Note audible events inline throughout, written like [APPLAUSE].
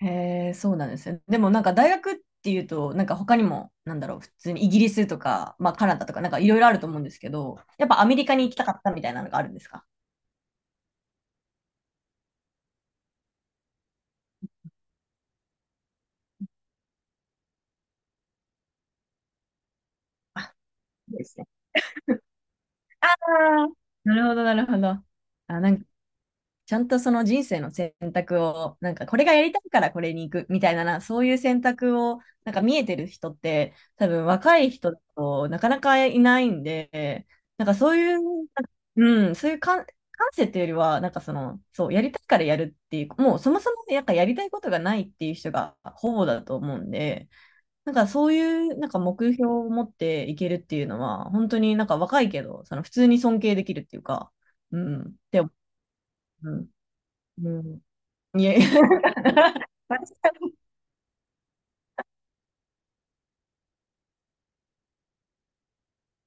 へえ、そうなんですね。でもなんか大学っていうと、なんか他にも、なんだろう、普通にイギリスとか、まあカナダとか、なんかいろいろあると思うんですけど、やっぱアメリカに行きたかったみたいなのがあるんですか？あ、そうですね。あー、なるほど、なるほど。あ、なんかちゃんとその人生の選択を、なんかこれがやりたいからこれに行くみたいな、そういう選択を、なんか見えてる人って、多分若い人だとなかなかいないんで、なんかそういう、うん、そういう感、感性っていうよりは、なんかその、そう、やりたいからやるっていう、もうそもそもね、なんかやりたいことがないっていう人がほぼだと思うんで、なんかそういう、なんか目標を持っていけるっていうのは、本当になんか若いけど、その普通に尊敬できるっていうか、うん、って思う。うん、うん、いや、[LAUGHS]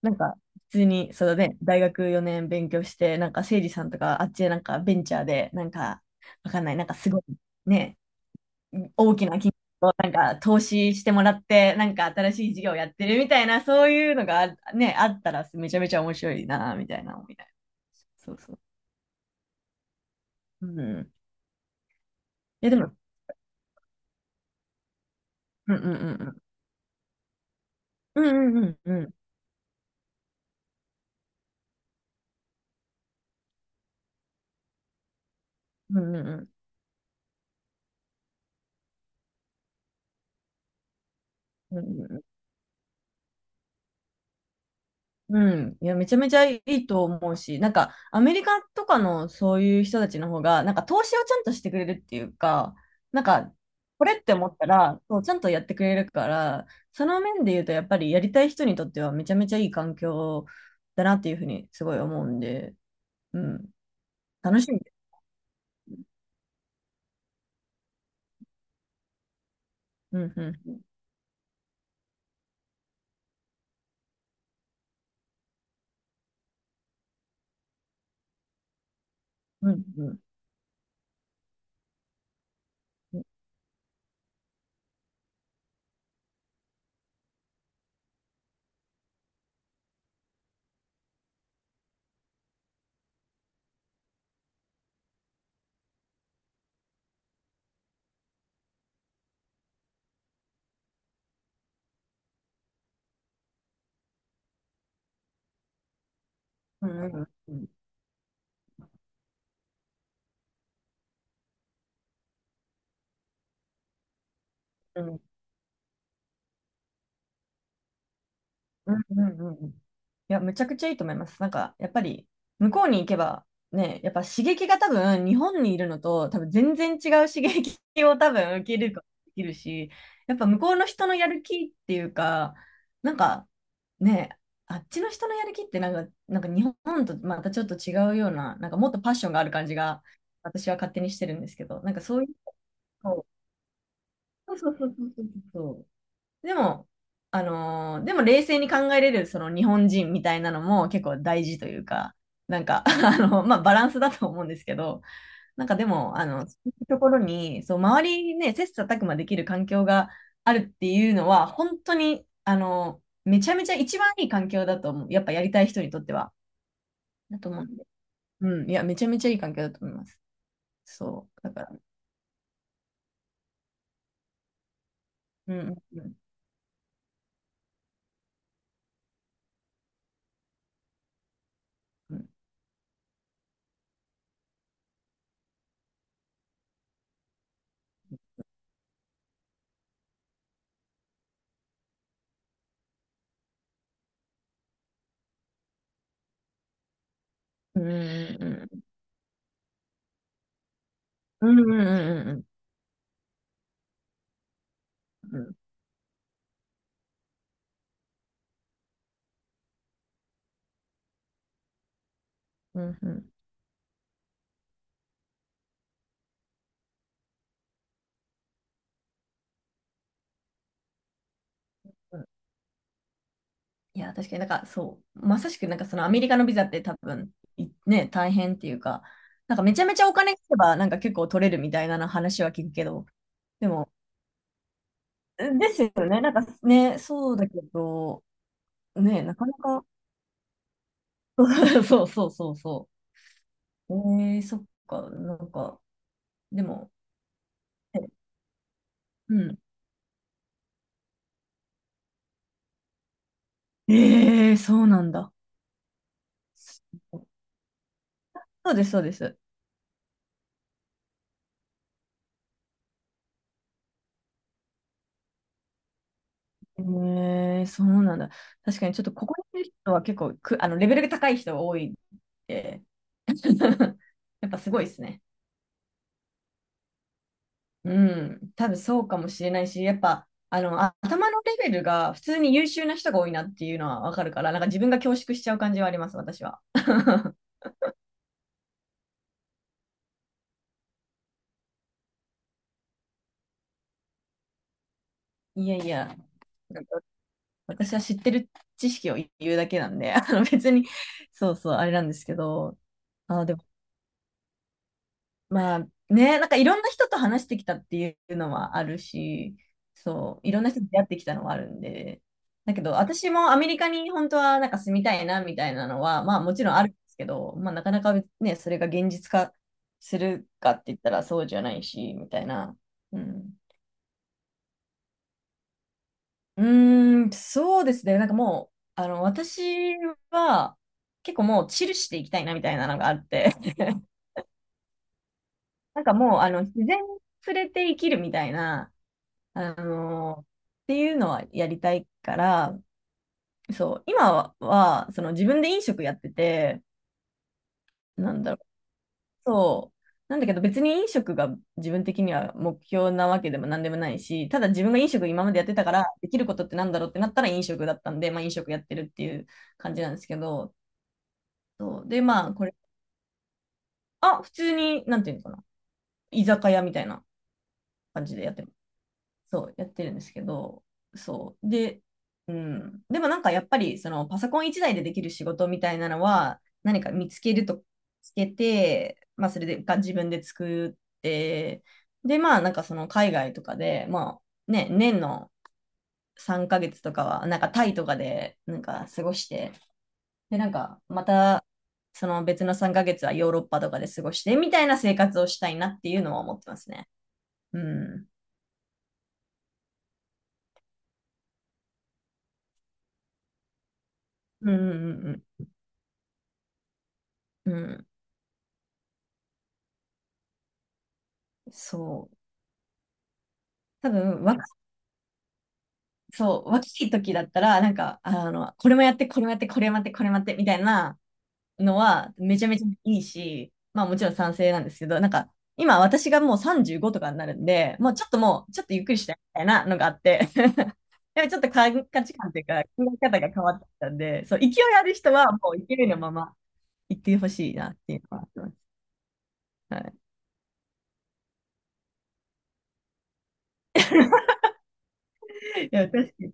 なんか普通に、そうだね、大学4年勉強して、なんかせいじさんとか、あっちでなんかベンチャーで、なんか、わかんない、なんかすごい、ね、大きな金額をなんか投資してもらって、なんか新しい事業やってるみたいな、そういうのがあったらめちゃめちゃ面白いな、みたいな思いながら。そうそう。うん。いや、でも。うんうんうんうん。うんうんうんうん。うんうんうん。うんうんうんうん。いや、めちゃめちゃいいと思うし、なんか、アメリカとかのそういう人たちの方が、なんか、投資をちゃんとしてくれるっていうか、なんか、これって思ったら、そう、ちゃんとやってくれるから、その面で言うと、やっぱりやりたい人にとってはめちゃめちゃいい環境だなっていうふうにすごい思うんで。うん。楽しみです。うん、うん、うん、うん、うん、うん、うん、うん、うんうんうんうん。いや、むちゃくちゃいいと思います。なんか、やっぱり、向こうに行けば、ね、やっぱ刺激が多分、日本にいるのと、多分全然違う刺激を多分受けることができるし、やっぱ向こうの人のやる気っていうか、なんか、ね、あっちの人のやる気ってなんか、なんか日本とまたちょっと違うような、なんかもっとパッションがある感じが、私は勝手にしてるんですけど、なんかそういう、そうそうそうそうそうそう。でもでも冷静に考えれるその日本人みたいなのも結構大事というか、なんか、あの、まあバランスだと思うんですけど、なんかでも、あの、ところにそう、周りね接さたくまできる環境があるっていうのは、本当にあのめちゃめちゃ一番いい環境だと思う。やっぱやりたい人にとってはだと思うんで、うん、いや、めちゃめちゃいい環境だと思います。そうだから、うん、うん、うん、うん、うん、うん、うん、うん、うん、うん、うん、うん、うん。いや、確かになんかそう、まさしくなんかそのアメリカのビザって多分いね、大変っていうか、なんかめちゃめちゃお金があればなんか結構取れるみたいなの話は聞くけど、でも、ですよね、なんかね、そうだけど、ね、なかなか、[LAUGHS] そうそうそうそう。えー、そっか、なんか、でも、えうん。えー、そうなんだ。そうです、そうです。えー、そうなんだ。確かにちょっとここにいる人は結構く、あの、レベルが高い人が多いって。 [LAUGHS] やっぱすごいですね。うん。多分そうかもしれないし、やっぱ、頭のレベルが普通に優秀な人が多いなっていうのはわかるから、なんか自分が恐縮しちゃう感じはあります、私は。[LAUGHS] いやいや、なんか私は知ってる知識を言うだけなんで、別に、そうそう、あれなんですけど、あ、でもまあね、なんかいろんな人と話してきたっていうのはあるし、そう、いろんな人と出会ってきたのはあるんで、だけど私もアメリカに本当はなんか住みたいなみたいなのは、まあもちろんあるんですけど、まあなかなかね、それが現実化するかって言ったらそうじゃないし、みたいな。うん、うーん、そうですね、なんかもう、私は結構もうチルしていきたいなみたいなのがあって、[LAUGHS] なんかもう、自然に触れて生きるみたいな、あのっていうのはやりたいから、そう、今は、その自分で飲食やってて、なんだろう、そう、なんだけど別に飲食が自分的には目標なわけでも何でもないし、ただ自分が飲食今までやってたから、できることってなんだろうってなったら飲食だったんで、まあ飲食やってるっていう感じなんですけど、そう、で、まあこれ、あ、普通に、なんていうのかな、居酒屋みたいな感じでやってる。そう、やってるんですけど、そう。で、うん。でもなんかやっぱり、そのパソコン一台でできる仕事みたいなのは、何か見つけると、つけて、まあそれでが自分で作って、で、まあなんかその海外とかで、まあね、年の3ヶ月とかは、なんかタイとかで、なんか過ごして、で、なんかまた、その別の3ヶ月はヨーロッパとかで過ごして、みたいな生活をしたいなっていうのは思ってますね。うん。うんうんうんうん。うん。そう。多分そう、若い時だったら、なんか、あの、これもやって、これもやって、これもやって、これもやって、みたいなのは、めちゃめちゃいいし、まあもちろん賛成なんですけど、なんか、今私がもう35とかになるんで、もうちょっとゆっくりしたいみたいなのがあって、[LAUGHS] でもちょっと価値観というか、考え方が変わってきたんで、そう、勢いある人はもう勢いのまま行ってほしいなっていうのはあります。はい。いや、確かに。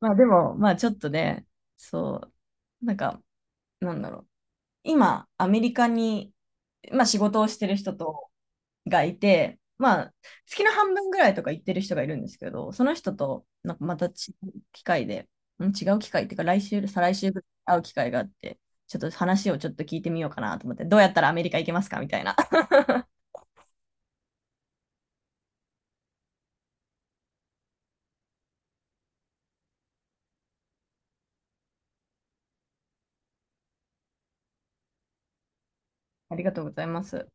まあでも、まあちょっとね、そう、なんか、なんだろう。今、アメリカに、まあ、仕事をしてる人とがいて、まあ、月の半分ぐらいとか行ってる人がいるんですけど、その人となんかまた違う機会で、違う機会っていうか、来週、再来週ぐらい会う機会があって、ちょっと話をちょっと聞いてみようかなと思って、どうやったらアメリカ行けますかみたいな。[LAUGHS] ありがとうございます。